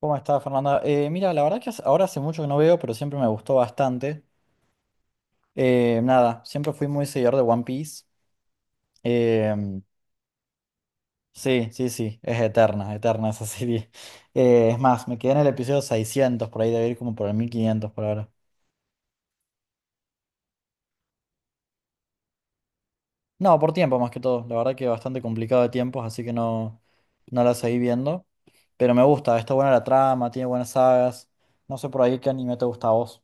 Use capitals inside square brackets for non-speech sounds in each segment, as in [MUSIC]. ¿Cómo estás, Fernanda? Mira, la verdad que ahora hace mucho que no veo, pero siempre me gustó bastante. Nada, siempre fui muy seguidor de One Piece. Em, sí, sí, sí, es eterna esa [LAUGHS] serie. Es más, me quedé en el episodio 600, por ahí debe ir como por el 1500 por ahora. No, por tiempo más que todo. La verdad que bastante complicado de tiempos, así que no, no la seguí viendo. Pero me gusta, está buena la trama, tiene buenas sagas. No sé por ahí qué anime te gusta a vos.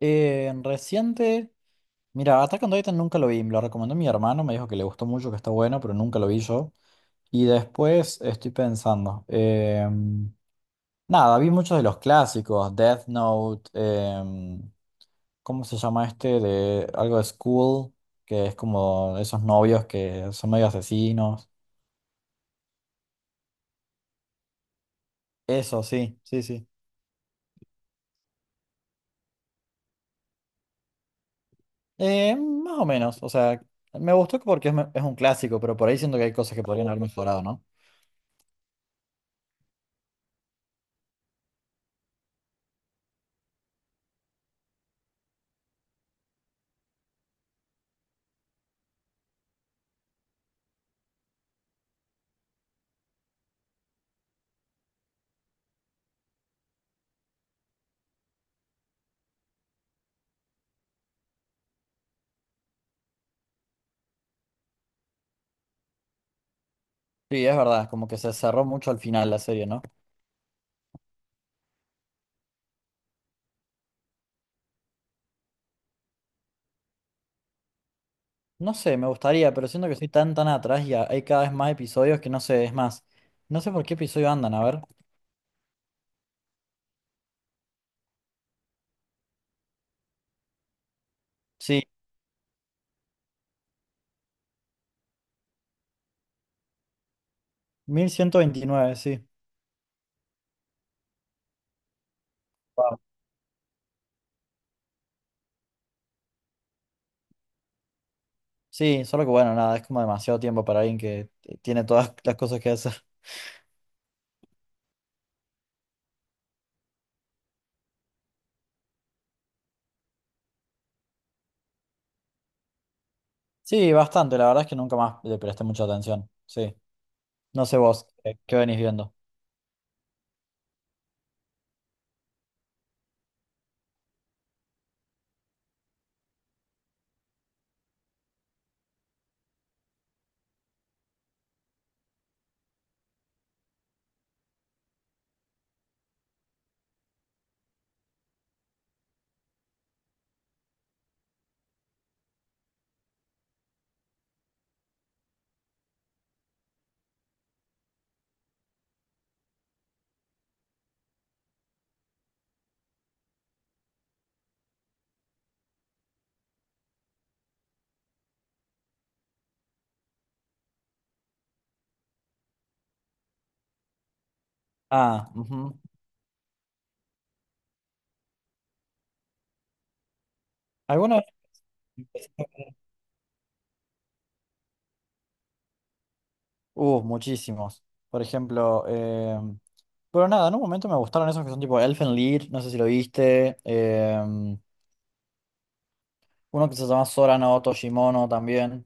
Reciente. Mira, Attack on Titan nunca lo vi, me lo recomendó mi hermano, me dijo que le gustó mucho, que está bueno, pero nunca lo vi yo. Y después estoy pensando, nada, vi muchos de los clásicos, Death Note, ¿cómo se llama este? De algo de School, que es como esos novios que son medio asesinos. Eso, sí, sí, sí. Más o menos, o sea, me gustó es un clásico, pero por ahí siento que hay cosas que podrían haber mejorado, ¿no? Sí, es verdad, como que se cerró mucho al final la serie, ¿no? No sé, me gustaría, pero siento que estoy tan atrás y hay cada vez más episodios que no sé, es más, no sé por qué episodio andan, a ver. Sí, 1129, sí. Wow. Sí, solo que bueno, nada, es como demasiado tiempo para alguien que tiene todas [LAUGHS] las cosas que hacer. Sí, bastante, la verdad es que nunca más le presté mucha atención, sí. No sé vos, ¿qué venís viendo? Ah, ujú. ¿Alguna vez? Muchísimos. Por ejemplo, pero nada, en un momento me gustaron esos que son tipo Elfen Lied, no sé si lo viste. Uno que se llama Sora no Toshimono también.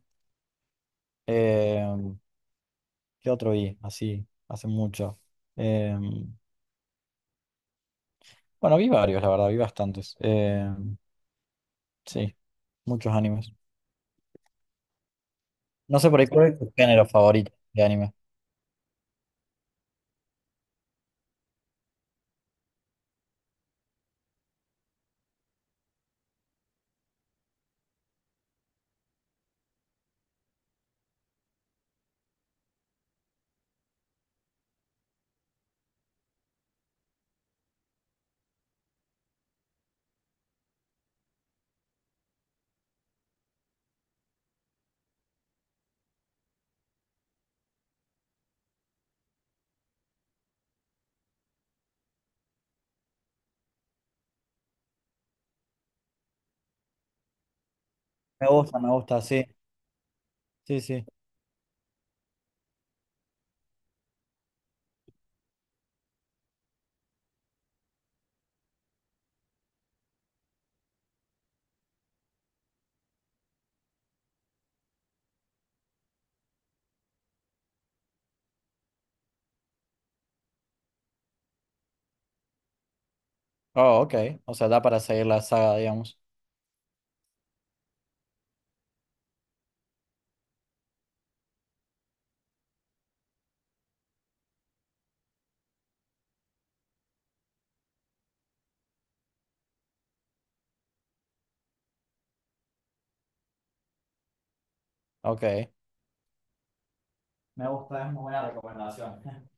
em, ¿Qué otro vi? Así, hace mucho. Em, bueno, vi varios, la verdad, vi bastantes. Sí, muchos animes. No sé por ahí cuál es tu género favorito de anime. Me gusta, sí. Sí, sí. Oh, ok. O sea, da para seguir la saga, digamos. Ok. Me gusta, es muy buena recomendación. [LAUGHS]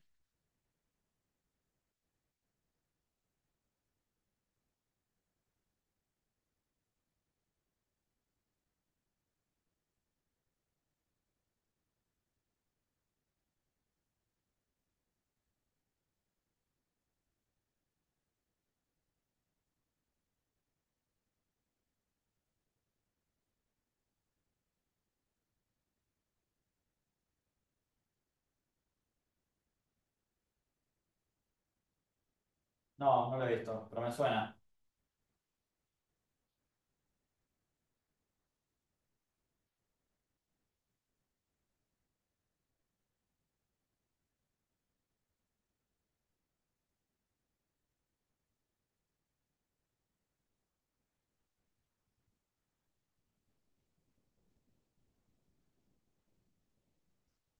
No, no lo he visto, pero me suena.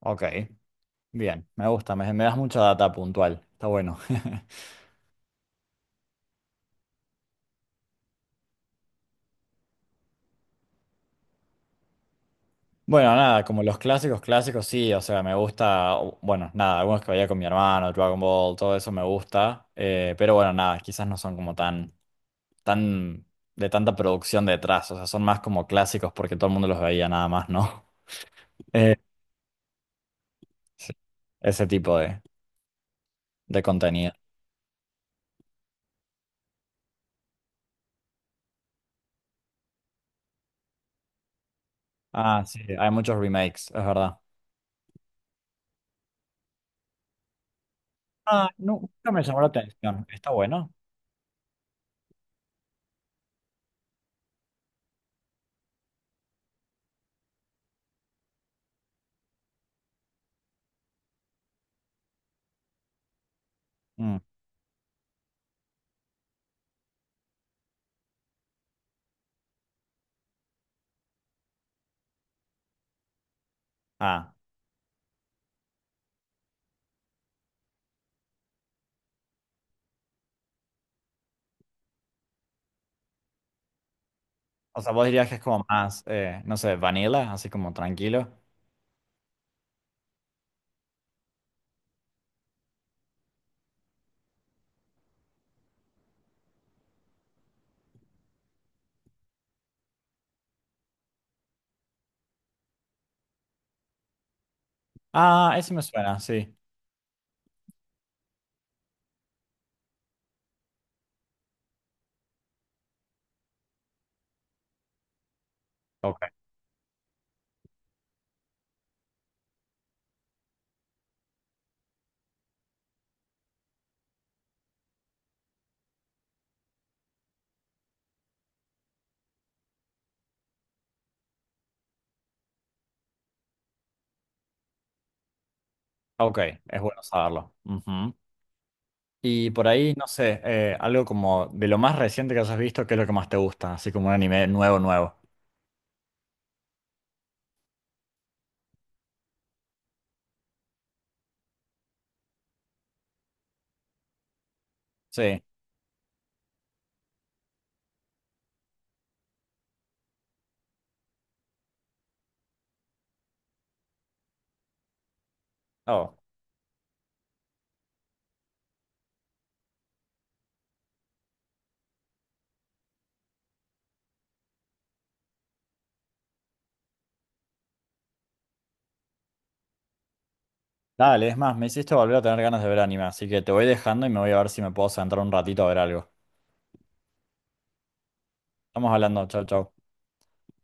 Ok, bien, me gusta, me das mucha data puntual, está bueno. [LAUGHS] Bueno, nada, como los clásicos, clásicos sí, o sea, me gusta, bueno, nada, algunos que veía con mi hermano, Dragon Ball, todo eso me gusta, pero bueno, nada, quizás no son como tan, tan, de tanta producción detrás, o sea, son más como clásicos porque todo el mundo los veía nada más, ¿no? [LAUGHS] Eh, sí, ese tipo de contenido. Ah, sí, hay muchos remakes, es verdad. Ah, no, nunca me llamó la atención, está bueno. Mm. Ah, o sea, vos dirías que es como más, no sé, vanilla, así como tranquilo. Ah, ese me suena, sí. Ok, ok, es bueno saberlo. Ujú. Y por ahí, no sé, algo como de lo más reciente que hayas visto, ¿qué es lo que más te gusta? Así como un anime nuevo, nuevo. Sí. Oh, dale, es más, me hiciste volver a tener ganas de ver anime, así que te voy dejando y me voy a ver si me puedo sentar un ratito a ver algo. Estamos hablando, chau, chau.